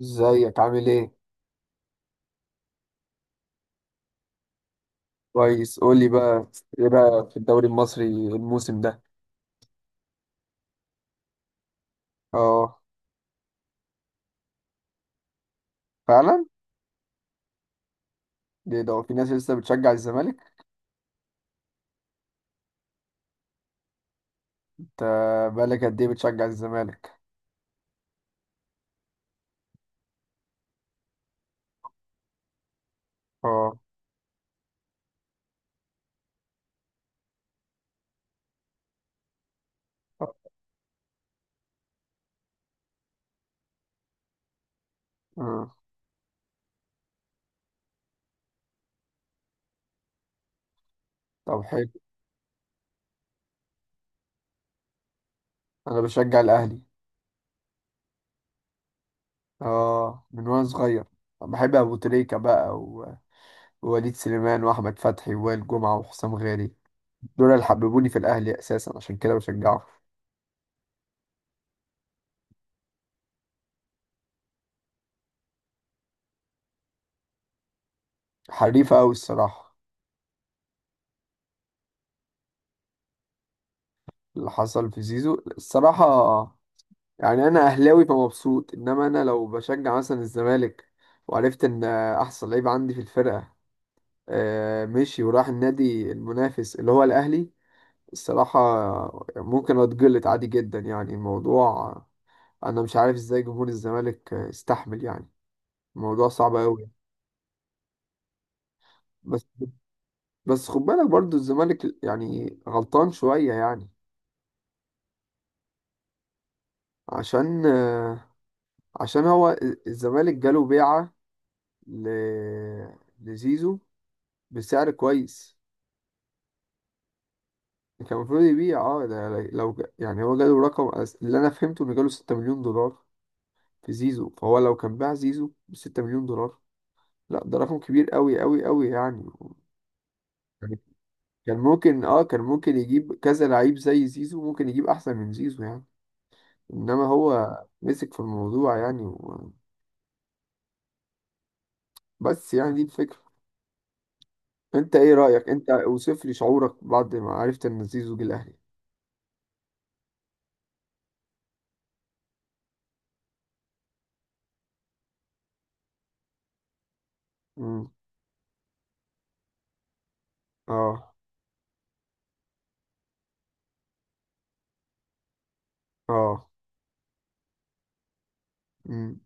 ازيك عامل ايه؟ كويس، قول لي بقى. ايه رأيك في الدوري المصري الموسم ده؟ اه. فعلا؟ ليه ده هو في ناس لسه بتشجع الزمالك؟ انت بقالك قد ايه بتشجع الزمالك؟ اه، اه. طب، حلو. انا بشجع الاهلي. اه، من وانا صغير بحب ابو تريكة بقى ووليد سليمان واحمد فتحي ووائل جمعة وحسام غالي. دول اللي حببوني في الاهلي اساسا، عشان كده بشجعه. حريفة قوي الصراحة. اللي حصل في زيزو الصراحة، يعني انا اهلاوي فمبسوط، انما انا لو بشجع مثلا الزمالك وعرفت ان احسن لعيب عندي في الفرقه مشي وراح النادي المنافس اللي هو الاهلي. الصراحه، ممكن اتجلط عادي جدا يعني الموضوع. انا مش عارف ازاي جمهور الزمالك استحمل يعني. الموضوع صعب قوي. بس بس خد بالك برضو الزمالك يعني غلطان شويه يعني. عشان آه، عشان هو الزمالك جاله بيعه ل- لزيزو بسعر كويس. كان المفروض يبيع، اه ده لو يعني هو جاله رقم اللي انا فهمته انه جاله 6 مليون دولار في زيزو، فهو لو كان باع زيزو ب 6 مليون دولار، لا ده رقم كبير قوي قوي قوي يعني. يعني كان ممكن يجيب كذا لعيب زي زيزو، ممكن يجيب احسن من زيزو يعني. انما هو مسك في الموضوع يعني بس يعني دي الفكرة. انت ايه رأيك، انت اوصف لي شعورك بعد ما عرفت ان زيزو جه الاهلي. امم. اه. اه. امم.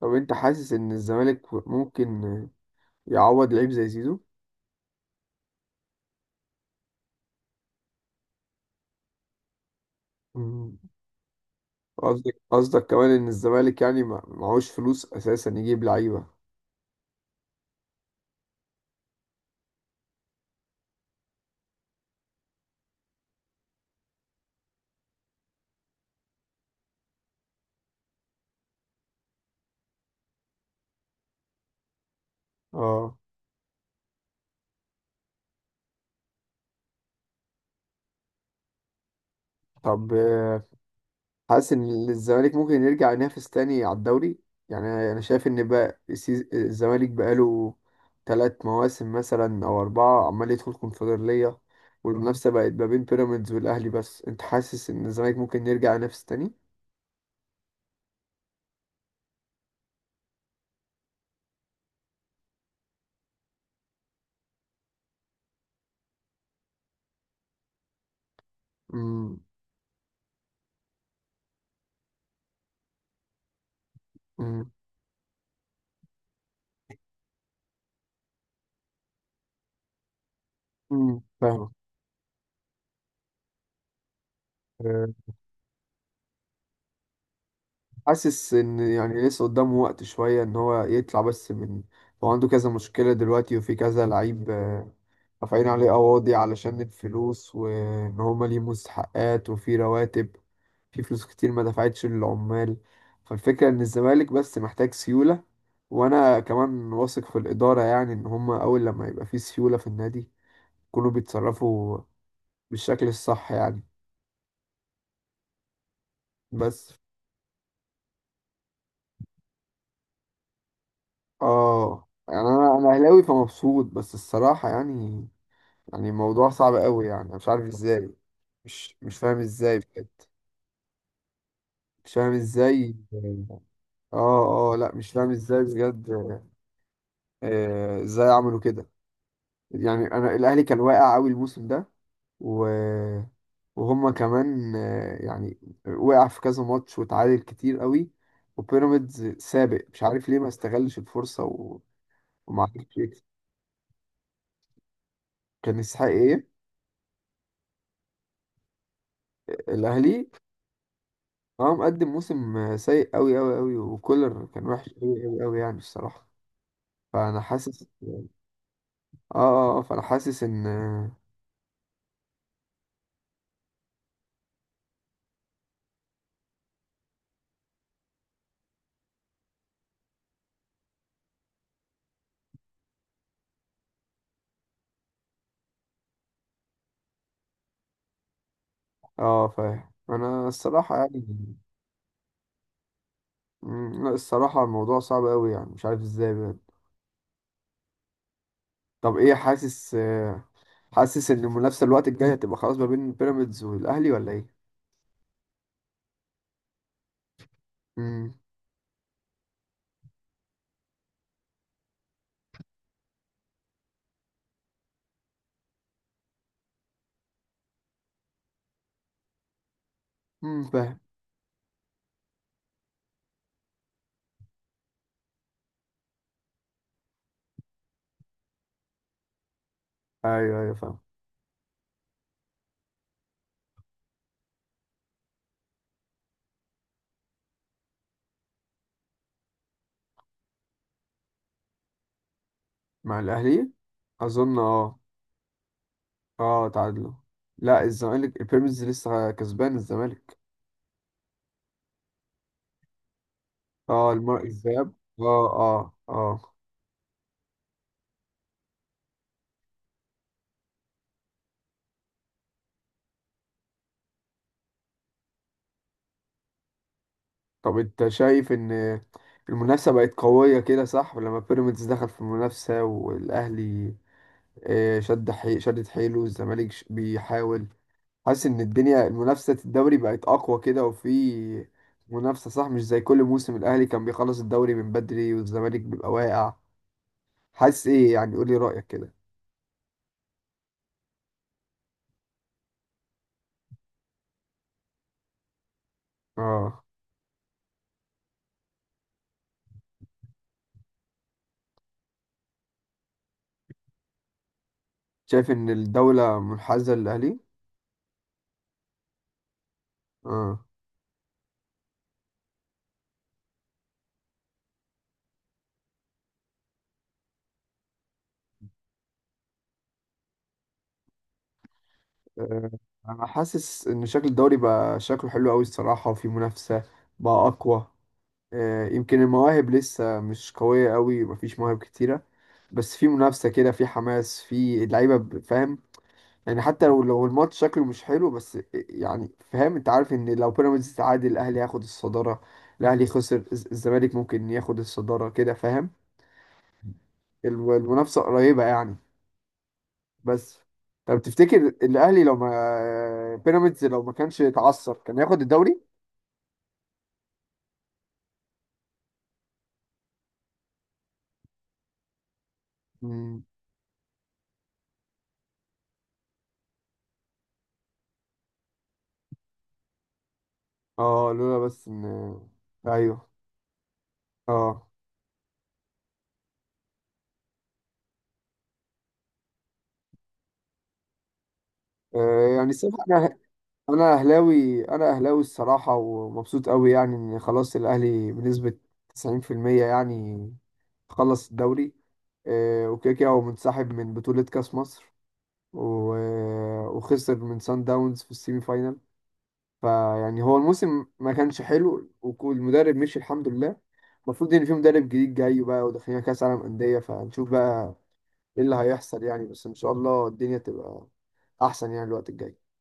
طب انت حاسس ان الزمالك ممكن يعوض لعيب زي زيزو؟ مم. قصدك كمان ان الزمالك يعني معهوش فلوس اساسا يجيب لعيبه. اه. طب، حاسس ان الزمالك ممكن يرجع ينافس تاني على الدوري؟ يعني انا شايف ان بقى الزمالك بقاله ثلاث مواسم مثلا او اربعه عمال يدخل كونفدراليه. مم. والمنافسه بقت ما بين بيراميدز والاهلي، بس انت حاسس ان الزمالك ممكن يرجع ينافس تاني؟ مم. مم. فاهم. حاسس ان يعني لسه قدامه وقت شوية ان هو يطلع، بس من هو عنده كذا مشكلة دلوقتي وفي كذا لعيب رافعين عليه قواضي علشان الفلوس وان هما ليه مستحقات وفي رواتب، في فلوس كتير ما دفعتش للعمال. فالفكرة ان الزمالك بس محتاج سيولة، وانا كمان واثق في الإدارة يعني ان هما اول لما يبقى في سيولة في النادي، يكونوا بيتصرفوا بالشكل الصح يعني. بس. اه، يعني انا اهلاوي فمبسوط بس الصراحة يعني، يعني الموضوع صعب قوي يعني. أنا مش عارف ازاي، مش فاهم ازاي بجد. مش فاهم ازاي. اه، اه، لا مش فاهم ازاي بجد. ازاي عملوا كده. يعني انا الاهلي كان واقع قوي الموسم ده و... وهما كمان يعني وقع في كذا ماتش واتعادل كتير قوي. وبيراميدز سابق مش عارف ليه ما استغلش الفرصة وما عرفش يكسب. كان يستحق ايه؟ الاهلي هو مقدم موسم سيء قوي قوي قوي، وكولر كان وحش قوي قوي قوي يعني الصراحة. فأنا حاسس، اه. اه، فأنا حاسس إن. اه فاهم، أنا الصراحة يعني. لا الصراحة الموضوع صعب قوي يعني مش عارف ازاي بجد. طب ايه، حاسس حاسس إن المنافسة الوقت الجاي هتبقى خلاص ما بين بيراميدز والأهلي ولا ايه؟ امم. فاهم. ايوه، ايوه، فاهم. مع الأهلي، أظن، اه. اه، تعادلوا. لا الزمالك بيراميدز لسه كسبان الزمالك. اه، الماء الذهب. اه، اه، اه. طب انت شايف ان المنافسة بقت قوية كده، صح؟ لما بيراميدز دخل في المنافسة والاهلي شد شدت حيله، والزمالك بيحاول. حاسس ان الدنيا المنافسة الدوري بقت اقوى كده، وفي منافسة، صح؟ مش زي كل موسم الاهلي كان بيخلص الدوري من بدري والزمالك بيبقى واقع. حاسس ايه يعني؟ قولي رأيك كده. اه، شايف ان الدولة منحازة للاهلي. اه، آه، انا حاسس ان شكل الدوري بقى شكله حلو قوي الصراحه، وفي منافسه بقى اقوى. يمكن المواهب لسه مش قويه قوي، مفيش مواهب كتيره، بس في منافسه كده، في حماس في اللعيبه فاهم. يعني حتى لو الماتش شكله مش حلو بس يعني فاهم. انت عارف ان لو بيراميدز تعادل الاهلي هياخد الصداره، الاهلي خسر الزمالك ممكن ياخد الصداره كده، فاهم. المنافسه قريبه يعني. بس، طب تفتكر الاهلي لو ما كانش اتعثر كان ياخد الدوري؟ مم. اه، لولا بس ان، ايوه، اه، يعني الصراحه انا، انا اهلاوي انا اهلاوي الصراحه ومبسوط قوي يعني ان خلاص الاهلي بنسبه 90% يعني خلص الدوري. وكده كده هو منسحب من بطوله كاس مصر و... وخسر من سان داونز في السيمي فاينال. فيعني هو الموسم ما كانش حلو، والمدرب مشي الحمد لله. المفروض ان في مدرب جديد جاي بقى، وداخلين كاس عالم انديه، فهنشوف بقى ايه اللي هيحصل يعني. بس ان شاء الله الدنيا تبقى احسن يعني الوقت الجاي.